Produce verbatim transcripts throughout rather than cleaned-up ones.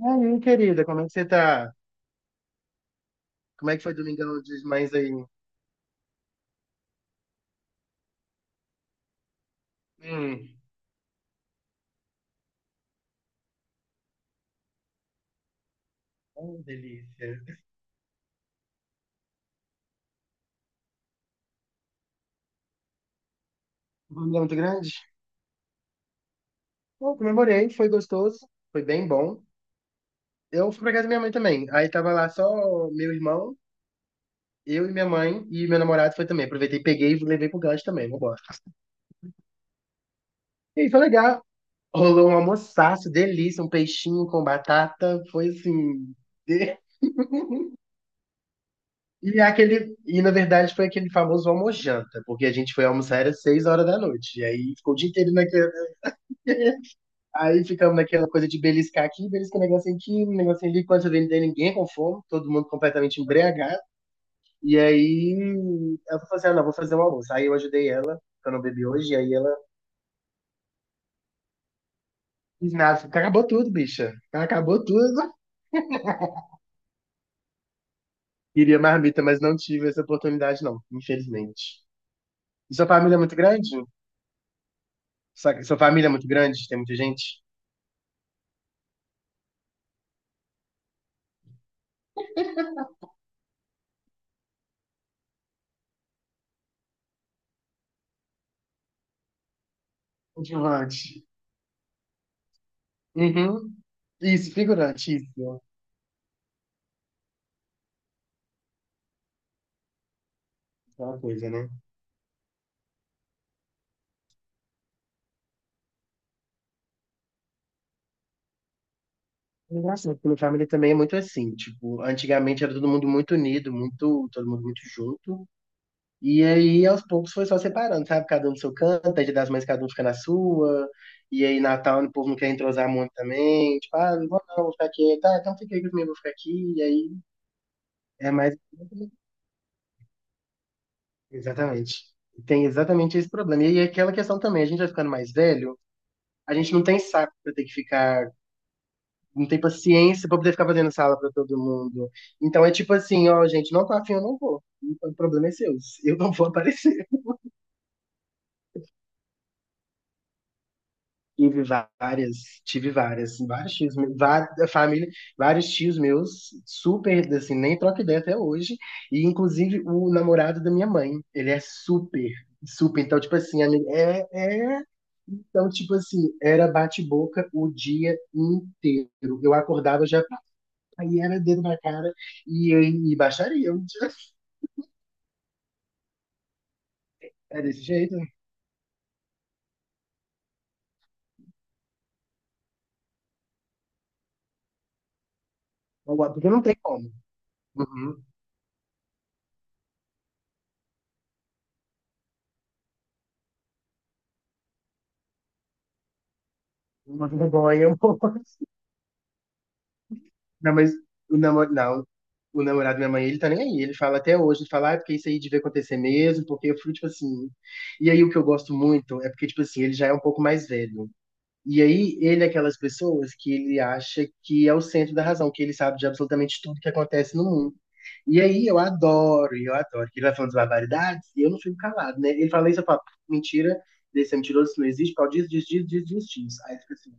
E aí, querida, como é que você tá? Como é que foi Domingão dos Mães aí? Hum, oh, delícia. Um Domingão muito grande? Bom, comemorei, foi gostoso, foi bem bom. Eu fui pra casa da minha mãe também. Aí tava lá só meu irmão, eu e minha mãe, e meu namorado foi também. Aproveitei, peguei e levei pro gancho também, não gosto. E aí, foi legal. Rolou um almoçaço, delícia, um peixinho com batata, foi assim. de- E aquele, e na verdade foi aquele famoso almojanta, porque a gente foi almoçar às seis horas da noite. E aí ficou o dia inteiro. Aí ficamos naquela coisa de beliscar aqui, beliscar um negocinho aqui, um negocinho ali, quando eu vê, não tem ninguém com fome, todo mundo completamente embriagado. E aí ela falou assim: ah, não, vou fazer um almoço. Aí eu ajudei ela, que eu não bebi hoje, e aí ela disse, nossa, acabou tudo, bicha. Acabou tudo. Queria marmita, mas não tive essa oportunidade, não, infelizmente. E sua família é muito grande? Sua, sua família é muito grande? Tem muita gente? Figurante. Uhum. Isso, figurante, isso. Aquela coisa, né? Engraçado, porque no Family também é muito assim, tipo, antigamente era todo mundo muito unido, muito, todo mundo muito junto, e aí aos poucos foi só separando, sabe? Cada um no seu canto, aí Dia das Mães cada um fica na sua, e aí Natal o povo não quer entrosar muito também, tipo, ah, não vou não, vou ficar aqui, tá, então fica aí comigo, eu vou ficar aqui, e aí é mais, exatamente, tem exatamente esse problema, e aí aquela questão também, a gente vai ficando mais velho, a gente não tem saco pra ter que ficar, não tem paciência pra poder ficar fazendo sala pra todo mundo. Então é tipo assim, ó, gente, não tô afim, eu não vou. O problema é seu, eu não vou aparecer. Tive várias, tive várias, vários tios meus, várias, família, vários tios meus, super, assim, nem troca ideia até hoje. E inclusive o namorado da minha mãe, ele é super, super. Então, tipo assim, amigo, é, é então, tipo assim, era bate-boca o dia inteiro. Eu acordava já. Aí era dedo na cara e, e baixaria. É desse jeito. Agora, porque não tem como. Uhum. Uma vergonha. Não, mas o namorado. Não. O namorado da minha mãe, ele tá nem aí. Ele fala até hoje, ele fala, ah, é porque isso aí devia acontecer mesmo, porque eu fui, tipo assim. E aí o que eu gosto muito é porque, tipo assim, ele já é um pouco mais velho. E aí, ele é aquelas pessoas que ele acha que é o centro da razão, que ele sabe de absolutamente tudo que acontece no mundo. E aí, eu adoro, eu adoro, que ele vai falando de barbaridades e eu não fico calado, né? Ele fala isso, eu falo, mentira, desse é mentiroso, isso não existe, pau, diz, diz, diz, diz, diz, diz. Aí fica assim,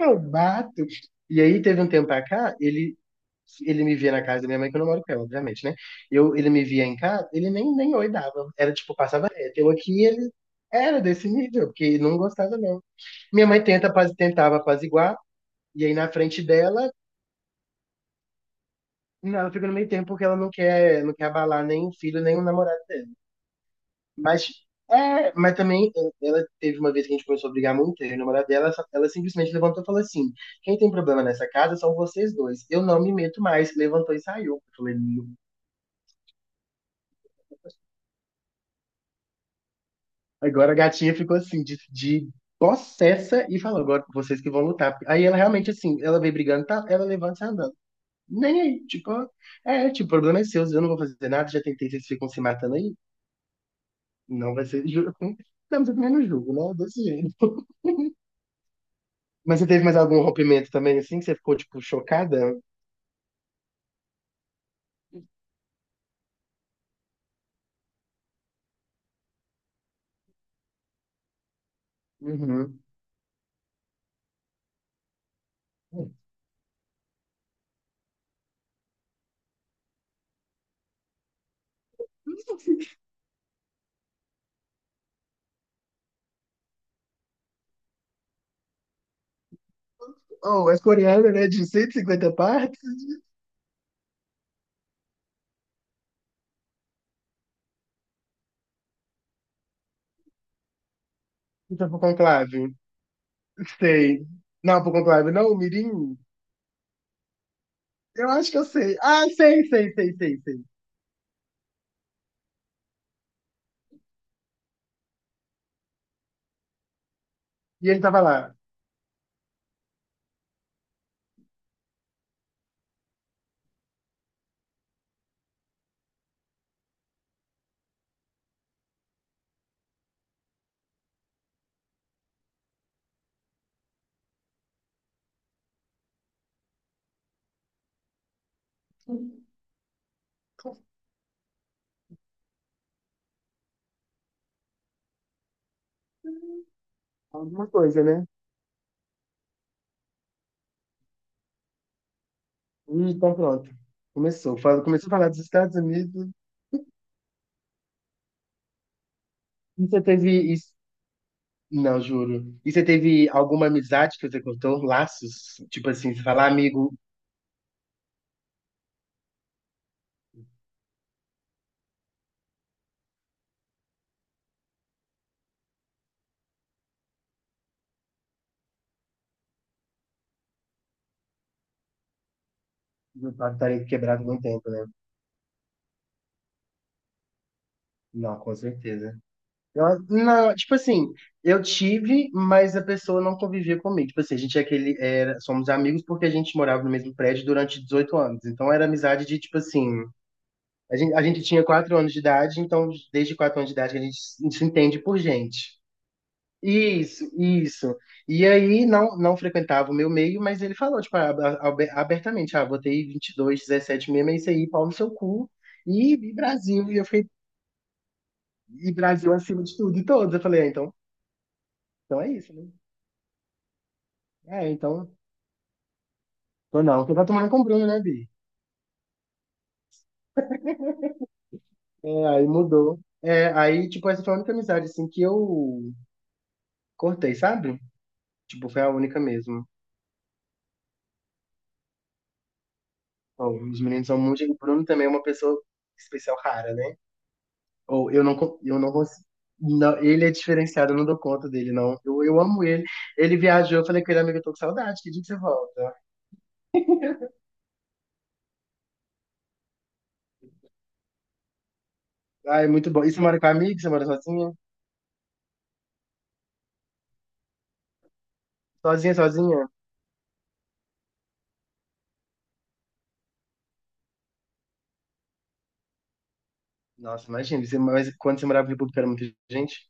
eu bato. E aí, teve um tempo pra cá, ele, ele me via na casa da minha mãe, que eu não moro com ela, obviamente, né? Eu, ele me via em casa, ele nem, nem oi dava, era tipo, passava reto. Eu aqui, ele era desse nível, porque não gostava não. Minha mãe tenta, apaz- tentava apaziguar, e aí na frente dela, não, ela fica no meio termo porque ela não quer, não quer abalar nem o filho, nem o namorado dela. Mas, é, mas também, é, ela teve uma vez que a gente começou a brigar muito, eu e o namorado dela, ela, só- ela simplesmente levantou e falou assim: quem tem problema nessa casa são vocês dois, eu não me meto mais. Levantou e saiu. Eu falei, "Não." Agora a gatinha ficou assim, de, de possessa, e falou: agora vocês que vão lutar. Aí ela realmente, assim, ela veio brigando, tá, ela levanta e sai andando. Nem aí, tipo, é, tipo, o problema é seu, eu não vou fazer nada, já tentei, vocês ficam se matando aí, não vai ser jogo. Não, mas eu também não julgo, né? Desse jeito. Mas você teve mais algum rompimento também, assim, que você ficou, tipo, chocada? Uhum. Oh, é coreana, né? De cento e cinquenta partes? Então, pro conclave. Sei. Não, pro conclave, não, o Mirim? Eu acho que eu sei. Ah, sei, sei, sei, sei, sei. E ele tava lá. Alguma coisa, né? Hum, então, pronto. Começou. Fala- Começou a falar dos Estados Unidos. E você teve. Não, juro. E você teve alguma amizade que você cortou? Laços? Tipo assim, você fala, "Ah, amigo, eu estarei quebrado há muito tempo, né?" Não, com certeza. Eu, não, tipo assim, eu tive, mas a pessoa não convivia comigo. Tipo assim, a gente é aquele, era, somos amigos porque a gente morava no mesmo prédio durante dezoito anos. Então era amizade de, tipo assim, a gente, a gente tinha quatro anos de idade, então desde quatro anos de idade que a gente se se entende por gente. Isso, isso. E aí não, não frequentava o meu meio, mas ele falou, tipo, ab- ab- abertamente, ah, botei vinte e dois dezessete mesmo, é isso aí, pau no seu cu. E, e Brasil, e eu fiquei, e Brasil acima de tudo e todos. Eu falei, ah, então, então é isso, né? É, então, tô não, você tá tomando com o Bruno, né, Bi? É, aí mudou. É, aí, tipo, essa foi a única amizade, assim, que eu cortei, sabe? Tipo, foi a única mesmo. Ó, os meninos são muito, o Bruno também é uma pessoa especial rara, né? Ou eu não, con- eu não consigo. Não, ele é diferenciado, eu não dou conta dele, não. Eu, eu amo ele. Ele viajou, eu falei com ele, amigo, eu tô com saudade, que dia que você volta? Ah, é muito bom. E você mora com amigo? Você mora sozinha? Sozinha, sozinha? Nossa, imagina, você, mas quando você morava em República era muita gente?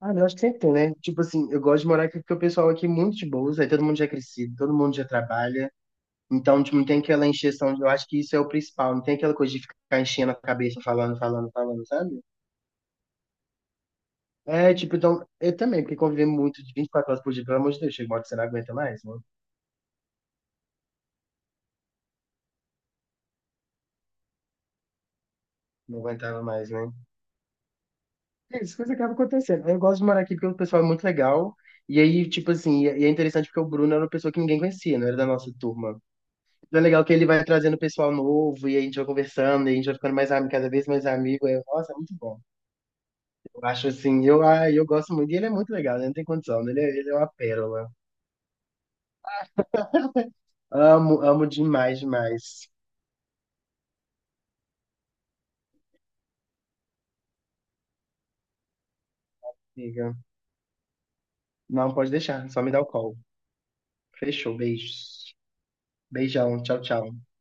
Ah, eu acho que sempre tem, né? Tipo assim, eu gosto de morar aqui porque o pessoal aqui é muito de boas, aí todo mundo já é crescido, todo mundo já trabalha. Então, tipo, não tem aquela encheção, de- eu acho que isso é o principal, não tem aquela coisa de ficar enchendo a cabeça, falando, falando, falando, sabe? É, tipo, então, eu também, porque conviver muito de vinte e quatro horas por dia, pelo amor de Deus, chega uma hora que você não aguenta mais, mano. Não aguentava mais, né? É isso, coisa acaba acontecendo. Eu gosto de morar aqui porque o pessoal é muito legal. E aí, tipo assim, e e é interessante porque o Bruno era uma pessoa que ninguém conhecia, não era da nossa turma. Então é legal que ele vai trazendo pessoal novo, e a gente vai conversando, e a gente vai ficando mais amigo, cada vez mais amigo. É, nossa, é muito bom. Eu acho assim, eu, ah, eu gosto muito, e ele é muito legal, né? Não tem condição, né? ele é, ele é uma pérola. Amo, amo demais, demais. Diga. Não, pode deixar, só me dá o call. Fechou, beijos. Beijão, tchau, tchau.